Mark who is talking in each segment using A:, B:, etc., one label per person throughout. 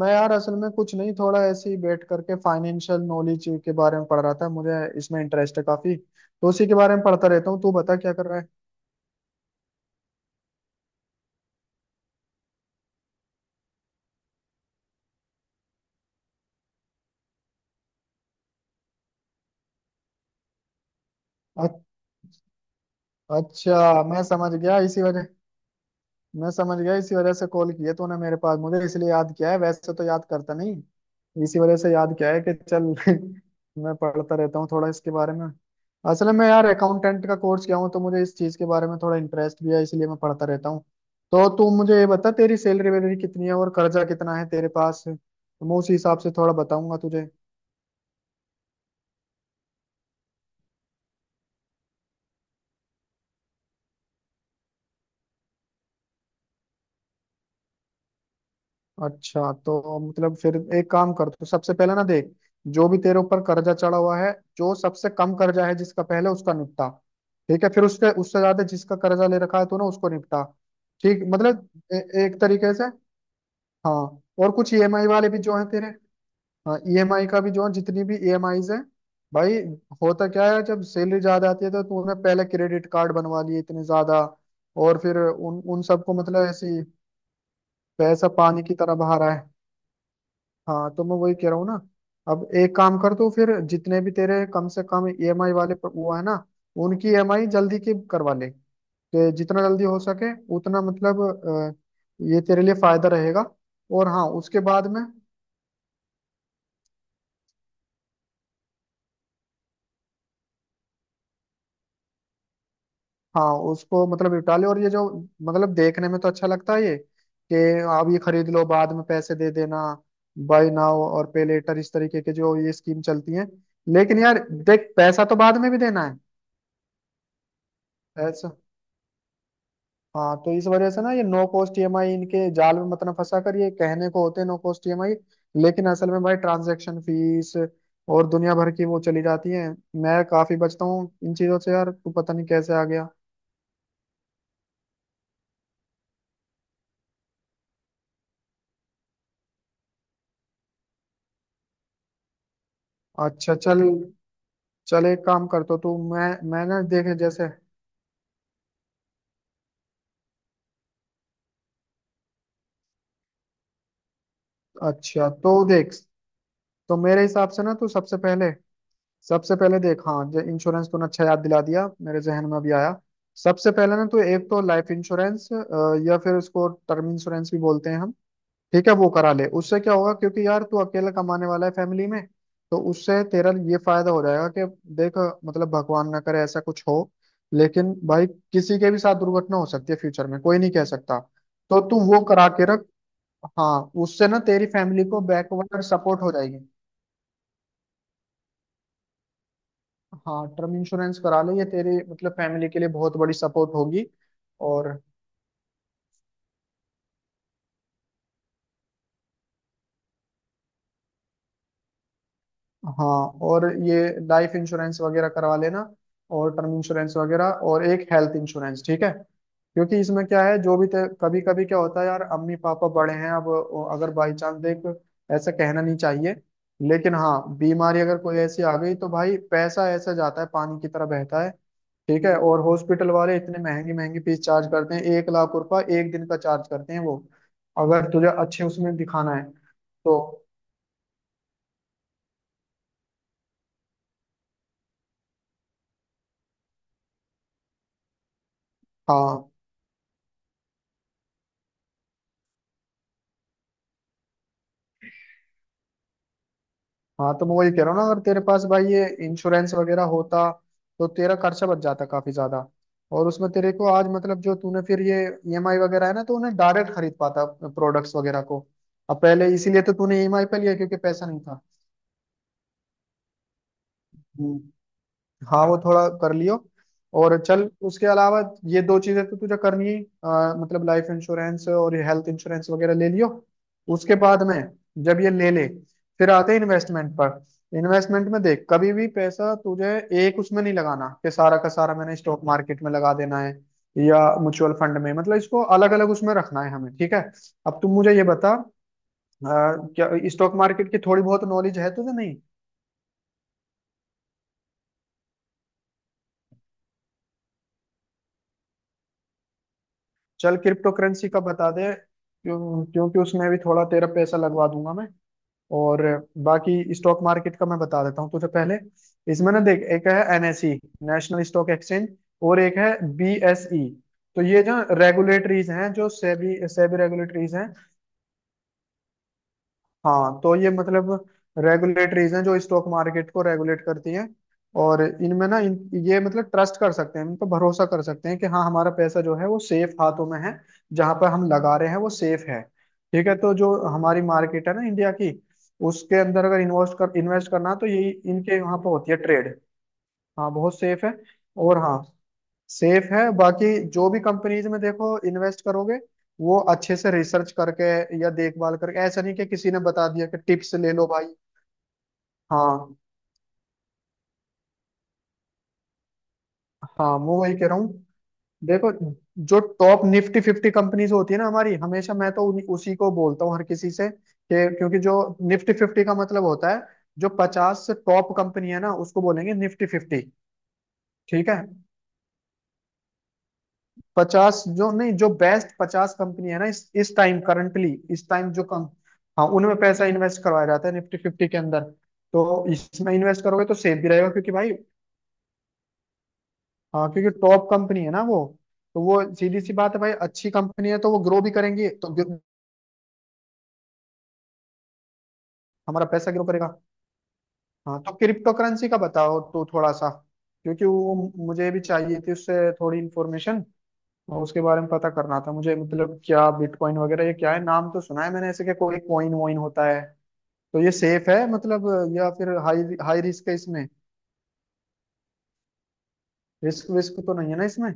A: मैं यार असल में कुछ नहीं, थोड़ा ऐसे ही बैठ करके फाइनेंशियल नॉलेज के बारे में पढ़ रहा था। मुझे इसमें इंटरेस्ट है काफी, तो उसी के बारे में पढ़ता रहता हूँ। तू बता क्या कर रहा है। अ- अच्छा मैं समझ गया इसी वजह से कॉल किया तूने मेरे पास। मुझे इसलिए याद किया है, वैसे तो याद करता नहीं। इसी वजह से याद किया है कि चल मैं पढ़ता रहता हूँ थोड़ा इसके बारे में। असल में यार अकाउंटेंट का कोर्स किया हूँ, तो मुझे इस चीज के बारे में थोड़ा इंटरेस्ट भी है, इसलिए मैं पढ़ता रहता हूँ। तो तू मुझे ये बता, तेरी सैलरी वैलरी कितनी है और कर्जा कितना है तेरे पास, तो मैं उसी हिसाब से थोड़ा बताऊंगा तुझे। अच्छा तो मतलब फिर एक काम कर, तो सबसे पहले ना देख, जो भी तेरे ऊपर कर्जा चढ़ा हुआ है, जो सबसे कम कर्जा है जिसका, पहले उसका निपटा। ठीक है। फिर उसके उससे ज्यादा जिसका कर्जा ले रखा है तूने, उसको निपटा। ठीक मतलब ए, एक तरीके से। हाँ। और कुछ ईएमआई वाले भी जो हैं तेरे। हाँ, ईएमआई का भी जो है, जितनी भी ईएमआईज हैं। भाई, होता क्या है, जब सैलरी ज्यादा आती है तो तूने पहले क्रेडिट कार्ड बनवा लिए इतने ज्यादा, और फिर उन उन सबको मतलब ऐसी पैसा पानी की तरह बहा रहा है। हाँ, तो मैं वही कह रहा हूँ ना। अब एक काम कर तो, फिर जितने भी तेरे कम से कम ईएमआई वाले वो है ना, उनकी ईएमआई जल्दी की करवा ले, तो जितना जल्दी हो सके उतना मतलब, ये तेरे लिए फायदा रहेगा। और हाँ, उसके बाद में। हाँ, उसको मतलब निपटा ले, और ये जो मतलब देखने में तो अच्छा लगता है ये, कि आप ये खरीद लो बाद में पैसे दे देना। बाय नाउ और पे लेटर, इस तरीके के जो ये स्कीम चलती है। लेकिन यार देख, पैसा तो बाद में भी देना है। पैसा हाँ, तो इस वजह से ना, ये नो कॉस्ट ईएमआई, इनके जाल में मत ना फंसा कर। ये कहने को होते हैं नो कॉस्ट ईएमआई, लेकिन असल में भाई ट्रांजैक्शन फीस और दुनिया भर की वो चली जाती है। मैं काफी बचता हूँ इन चीजों से यार, तू पता नहीं कैसे आ गया। अच्छा चल। चल एक काम कर तो, तू मैं ना देखे जैसे। अच्छा तो देख, तो मेरे हिसाब से ना तू सबसे पहले। सबसे पहले देख, हाँ, जो इंश्योरेंस तूने अच्छा याद दिला दिया, मेरे जहन में अभी आया। सबसे पहले ना तो एक तो लाइफ इंश्योरेंस, या फिर उसको टर्म इंश्योरेंस भी बोलते हैं हम। ठीक है, वो करा ले। उससे क्या होगा, क्योंकि यार तू अकेला कमाने वाला है फैमिली में। तो उससे तेरा ये फायदा हो जाएगा कि देख, मतलब भगवान ना करे ऐसा कुछ हो, लेकिन भाई किसी के भी साथ दुर्घटना हो सकती है, फ्यूचर में कोई नहीं कह सकता। तो तू वो करा के रख। हाँ, उससे ना तेरी फैमिली को बैकवर्ड सपोर्ट हो जाएगी। हाँ, टर्म इंश्योरेंस करा ले, ये तेरी मतलब फैमिली के लिए बहुत बड़ी सपोर्ट होगी। और हाँ, और ये लाइफ इंश्योरेंस वगैरह करवा लेना, और टर्म इंश्योरेंस वगैरह, और एक हेल्थ इंश्योरेंस। ठीक है। क्योंकि इसमें क्या है जो भी, कभी कभी क्या होता है यार, अम्मी पापा बड़े हैं, अब वो अगर बाई चांस देख, ऐसा कहना नहीं चाहिए, लेकिन हाँ बीमारी अगर कोई ऐसी आ गई, तो भाई पैसा ऐसा जाता है, पानी की तरह बहता है। ठीक है, और हॉस्पिटल वाले इतने महंगी महंगी फीस चार्ज करते हैं, 1 लाख रुपए एक दिन का चार्ज करते हैं वो, अगर तुझे अच्छे उसमें दिखाना है तो। हाँ, हाँ तो मैं वही कह रहा हूँ ना, अगर तेरे पास भाई ये इंश्योरेंस वगैरह होता तो तेरा खर्चा बच जाता काफी ज्यादा। और उसमें तेरे को आज मतलब, जो तूने फिर ये ईएमआई वगैरह है ना, तो उन्हें डायरेक्ट खरीद पाता प्रोडक्ट्स वगैरह को। अब पहले इसीलिए तो तूने ईएमआई पे लिया, क्योंकि पैसा नहीं था। हाँ, वो थोड़ा कर लियो। और चल, उसके अलावा ये दो चीजें तो तुझे करनी ही, मतलब लाइफ इंश्योरेंस और ये हेल्थ इंश्योरेंस वगैरह ले लियो। उसके बाद में, जब ये ले ले, फिर आते हैं इन्वेस्टमेंट पर। इन्वेस्टमेंट में देख, कभी भी पैसा तुझे एक उसमें नहीं लगाना कि सारा का सारा मैंने स्टॉक मार्केट में लगा देना है, या म्यूचुअल फंड में, मतलब इसको अलग अलग उसमें रखना है हमें। ठीक है। अब तुम मुझे ये बता, अ, क्या स्टॉक मार्केट की थोड़ी बहुत नॉलेज है तुझे? नहीं। चल, क्रिप्टो करेंसी का बता दे, क्यों? क्योंकि उसमें भी थोड़ा तेरा पैसा लगवा दूंगा मैं, और बाकी स्टॉक मार्केट का मैं बता देता हूँ तुझे पहले। इसमें ना देख, एक है एनएसई, नेशनल स्टॉक एक्सचेंज, और एक है बीएसई। तो ये जो रेगुलेटरीज हैं, जो सेबी, सेबी रेगुलेटरीज हैं। हाँ, तो ये मतलब रेगुलेटरीज हैं जो स्टॉक मार्केट को रेगुलेट करती हैं, और इनमें ना ये मतलब ट्रस्ट कर सकते हैं, इन पर भरोसा कर सकते हैं कि हाँ, हमारा पैसा जो है वो सेफ हाथों में है, जहां पर हम लगा रहे हैं वो सेफ है। ठीक है। तो जो हमारी मार्केट है ना इंडिया की, उसके अंदर अगर इन्वेस्ट करना है, तो यही इनके वहां पर होती है ट्रेड। हाँ, बहुत सेफ है। और हाँ, सेफ है। बाकी जो भी कंपनीज में देखो इन्वेस्ट करोगे, वो अच्छे से रिसर्च करके या देखभाल करके, ऐसा नहीं कि किसी ने बता दिया कि टिप्स ले लो भाई। हाँ, हाँ मैं वही कह रहा हूँ। देखो, जो टॉप निफ्टी फिफ्टी कंपनीज होती है ना हमारी, हमेशा मैं तो उसी को बोलता हूँ हर किसी से कि, क्योंकि जो निफ्टी फिफ्टी का मतलब होता है, जो 50 से टॉप कंपनी है ना, उसको बोलेंगे निफ्टी फिफ्टी। ठीक है। 50 जो नहीं, जो बेस्ट 50 कंपनी है ना इस टाइम, करंटली इस टाइम जो कम, हाँ उनमें पैसा इन्वेस्ट करवाया जाता है निफ्टी फिफ्टी के अंदर। तो इसमें इन्वेस्ट करोगे तो सेफ भी रहेगा क्योंकि भाई, हाँ क्योंकि टॉप कंपनी है ना वो। तो वो सीधी सी बात है भाई, अच्छी कंपनी है तो वो ग्रो भी करेंगी, तो हमारा पैसा ग्रो करेगा। हाँ, तो क्रिप्टो करेंसी का बताओ तो थोड़ा सा, क्योंकि वो मुझे भी चाहिए थी, उससे थोड़ी इन्फॉर्मेशन उसके बारे में पता करना था मुझे, मतलब क्या बिटकॉइन वगैरह ये क्या है, नाम तो सुना है मैंने ऐसे कि कोई कॉइन वॉइन होता है। तो ये सेफ है मतलब, या फिर हाई हाई रिस्क है इसमें? रिस्क विस्क तो नहीं है ना इसमें?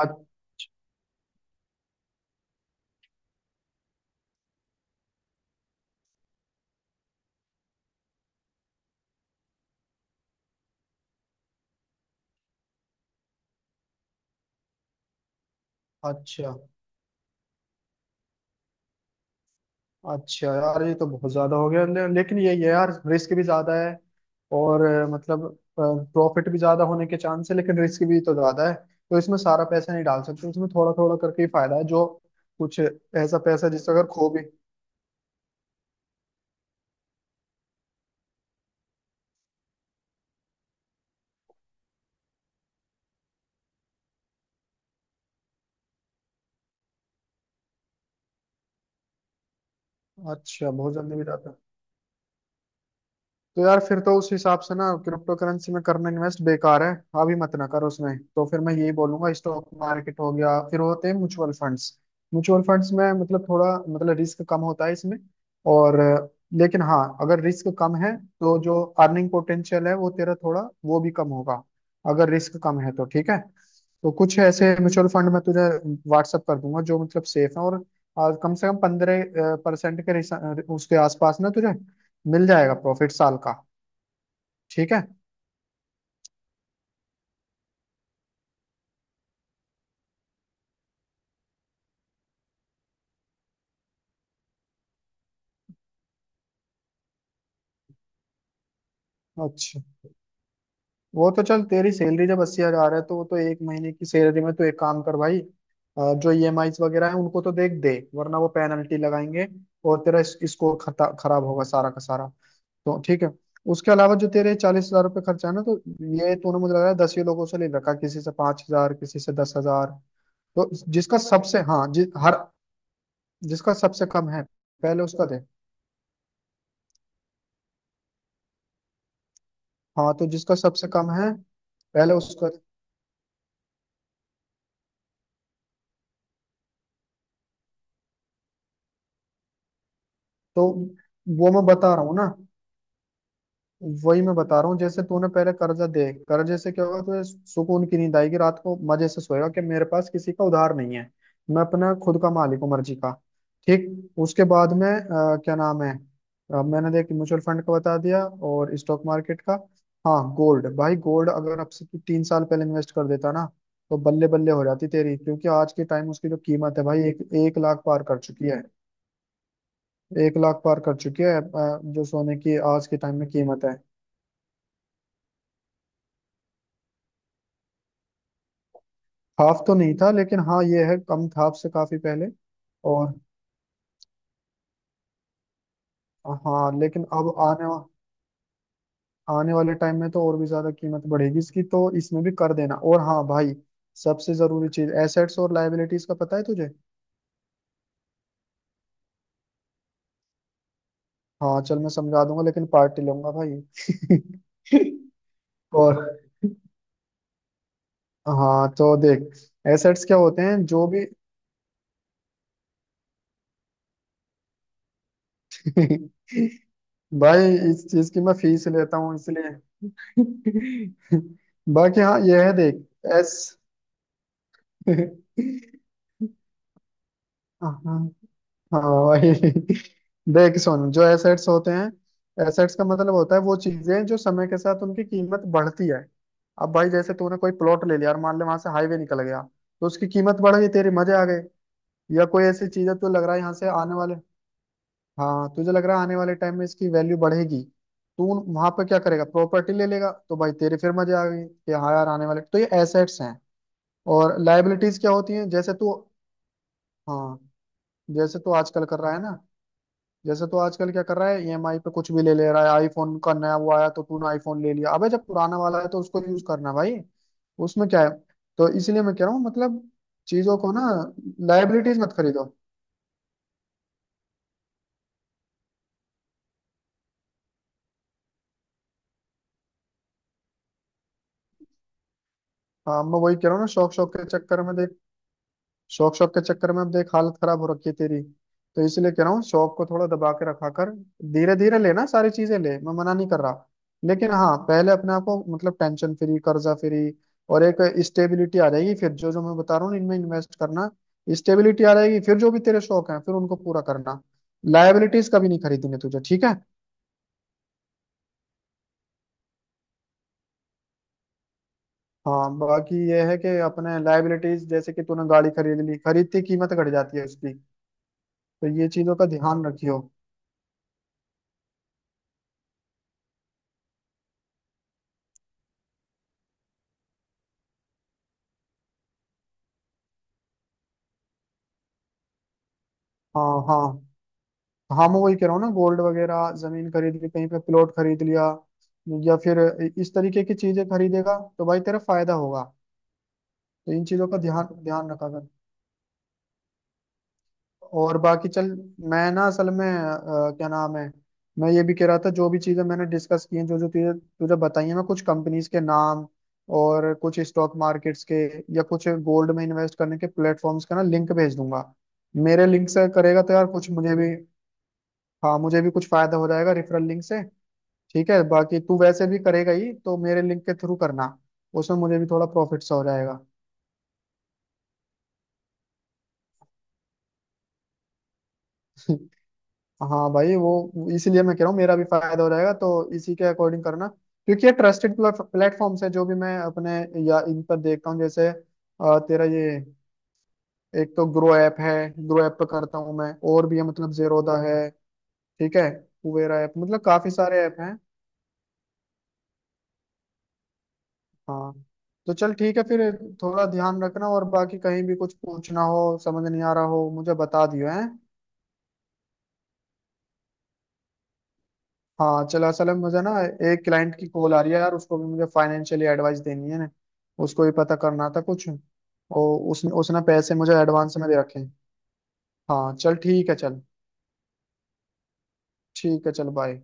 A: अ- अच्छा। अच्छा यार ये तो बहुत ज्यादा हो गया, लेकिन ये यार रिस्क भी ज्यादा है। और मतलब प्रॉफिट भी ज्यादा होने के चांस है, लेकिन रिस्क भी तो ज्यादा है। तो इसमें सारा पैसा नहीं डाल सकते, इसमें थोड़ा थोड़ा करके ही फायदा है, जो कुछ ऐसा पैसा जिससे अगर खो भी। अच्छा, बहुत जल्दी भी जाता है। तो यार फिर तो उस हिसाब से ना, क्रिप्टो करेंसी में करना इन्वेस्ट बेकार है। अभी मत ना करो उसमें, तो फिर मैं यही बोलूंगा, स्टॉक मार्केट हो गया, फिर होते हैं म्यूचुअल फंड्स। म्यूचुअल फंड्स में मतलब थोड़ा, मतलब रिस्क कम होता है इसमें। और लेकिन हाँ, अगर रिस्क कम है तो जो अर्निंग पोटेंशियल है वो तेरा थोड़ा वो भी कम होगा। अगर रिस्क कम है तो ठीक है। तो कुछ ऐसे म्यूचुअल फंड मैं तुझे व्हाट्सअप कर दूंगा जो मतलब सेफ है, और कम से कम 15% के उसके आसपास ना तुझे मिल जाएगा प्रॉफिट साल का। ठीक है। अच्छा, वो तो चल, तेरी सैलरी जब 80 हजार है तो, वो तो एक महीने की सैलरी में तो, एक काम कर भाई, जो ईएमआईज वगैरह है उनको तो देख दे, वरना वो पेनल्टी लगाएंगे और तेरा स्कोर खराब होगा सारा का सारा। तो ठीक है। उसके अलावा जो तेरे 40 हजार रुपये खर्चा है ना तो, ये तूने मुझे लग रहा है 10 ही लोगों से ले रखा, किसी से 5 हजार, किसी से 10 हजार। तो जिसका सबसे, हाँ, हर जिसका सबसे कम है, पहले उसका दे। हाँ, तो जिसका सबसे कम है, पहले उसका। तो वो मैं बता रहा हूँ ना, वही मैं बता रहा हूँ, जैसे तूने पहले कर्जा दे, कर्जे से क्या होगा तुझे, सुकून की नींद आएगी, रात को मजे से सोएगा कि मेरे पास किसी का उधार नहीं है, मैं अपना खुद का मालिक हूँ मर्जी का। ठीक। उसके बाद में क्या नाम है, मैंने देख म्यूचुअल फंड का बता दिया और स्टॉक मार्केट का। हाँ गोल्ड, भाई गोल्ड अगर अब से तू 3 साल पहले इन्वेस्ट कर देता ना, तो बल्ले बल्ले हो जाती तेरी, क्योंकि आज के टाइम उसकी जो कीमत है भाई, एक 1 लाख पार कर चुकी है। एक लाख पार कर चुकी है, जो सोने की आज के टाइम में कीमत है। हाफ तो नहीं था, लेकिन हाँ ये है कम था हाफ से काफी पहले। और हाँ लेकिन अब आने वाले टाइम में तो और भी ज्यादा कीमत बढ़ेगी इसकी, तो इसमें भी कर देना। और हाँ भाई, सबसे जरूरी चीज, एसेट्स और लाइबिलिटीज का पता है तुझे? हाँ चल मैं समझा दूंगा, लेकिन पार्टी लूंगा भाई। और हाँ, तो देख, एसेट्स क्या होते हैं जो भी। भाई इस चीज की मैं फीस लेता हूँ इसलिए। बाकी हाँ, ये है, देख। एस। हाँ। हाँ वही, देख सुन, जो एसेट्स होते हैं, एसेट्स का मतलब होता है वो चीजें जो समय के साथ उनकी कीमत बढ़ती है। अब भाई जैसे तूने कोई प्लॉट ले लिया और मान ले वहां से हाईवे निकल गया, तो उसकी कीमत बढ़ गई, तेरे मजे आ गए। या कोई ऐसी चीज है तो लग रहा है यहाँ से आने वाले। हाँ, तुझे लग रहा है आने वाले टाइम में इसकी वैल्यू बढ़ेगी, तू वहां पर क्या करेगा, प्रॉपर्टी ले लेगा, तो भाई तेरे फिर मजे आ गए कि हाँ यार आने वाले, तो ये एसेट्स हैं। और लाइबिलिटीज क्या होती हैं, जैसे तू। हाँ, जैसे तू आजकल कर रहा है ना, जैसे तू आजकल क्या कर रहा है, ईएमआई पे कुछ भी ले ले रहा है, आईफोन का नया वो आया तो तूने आईफोन ले लिया। अबे जब पुराना वाला है तो उसको यूज करना भाई, उसमें क्या है? तो इसलिए मैं कह रहा हूँ, मतलब चीजों को ना, लाइबिलिटीज मत खरीदो। हाँ मैं वही कह रहा हूँ ना, शौक शौक के चक्कर में, देख, शौक शौक के चक्कर में अब देख हालत खराब हो रखी है तेरी। तो इसलिए कह रहा हूँ, शौक को थोड़ा दबा के रखा कर। धीरे धीरे लेना सारी चीजें, ले, मैं मना नहीं कर रहा, लेकिन हाँ पहले अपने आप को मतलब टेंशन फ्री, कर्जा फ्री, और एक स्टेबिलिटी आ जाएगी, फिर जो जो मैं बता रहा हूँ इनमें इन्वेस्ट करना। स्टेबिलिटी आ जाएगी फिर जो भी तेरे शौक हैं फिर उनको पूरा करना। लायबिलिटीज कभी नहीं खरीदनी तुझे, ठीक है? हाँ बाकी ये है कि अपने लायबिलिटीज, जैसे कि तूने गाड़ी खरीद ली, खरीदती कीमत घट जाती है उसकी, तो ये चीजों का ध्यान रखियो। हाँ हाँ। हाँ मैं वही कह रहा हूँ ना, गोल्ड वगैरह, जमीन खरीद ली, कहीं पे प्लॉट खरीद लिया, या फिर इस तरीके की चीजें खरीदेगा तो भाई तेरा फायदा होगा। तो इन चीजों का ध्यान ध्यान रखा कर। और बाकी चल, मैं ना असल में क्या नाम है, मैं ये भी कह रहा था, जो भी चीजें मैंने डिस्कस की हैं, जो जो तुझे तुझे बताई हैं, मैं कुछ कंपनीज के नाम और कुछ स्टॉक मार्केट्स के या कुछ गोल्ड में इन्वेस्ट करने के प्लेटफॉर्म्स का ना लिंक भेज दूंगा। मेरे लिंक से करेगा तो यार कुछ मुझे भी, हाँ मुझे भी कुछ फायदा हो जाएगा रेफरल लिंक से। ठीक है, बाकी तू वैसे भी करेगा ही तो मेरे लिंक के थ्रू करना, उसमें मुझे भी थोड़ा प्रॉफिट सा हो जाएगा। हाँ भाई वो इसीलिए मैं कह रहा हूँ, मेरा भी फायदा हो जाएगा तो इसी के अकॉर्डिंग करना। क्योंकि ये ट्रस्टेड प्लेटफॉर्म है जो भी मैं अपने या इन पर देखता हूँ। जैसे तेरा ये, एक तो ग्रो ऐप है, ग्रो ऐप पे करता हूँ मैं, और भी है मतलब जेरोदा है। ठीक है, कुवेरा ऐप, मतलब काफी सारे ऐप हैं। हाँ तो चल ठीक है फिर। थोड़ा ध्यान रखना, और बाकी कहीं भी कुछ पूछना हो, समझ नहीं आ रहा हो, मुझे बता दियो है। हाँ चलो, असल में मुझे ना एक क्लाइंट की कॉल आ रही है यार, उसको भी मुझे फाइनेंशियली एडवाइस देनी है ना। उसको भी पता करना था कुछ, और उसने उसने पैसे मुझे एडवांस में दे रखे हैं। हाँ चल ठीक है चल, ठीक है चल, बाय।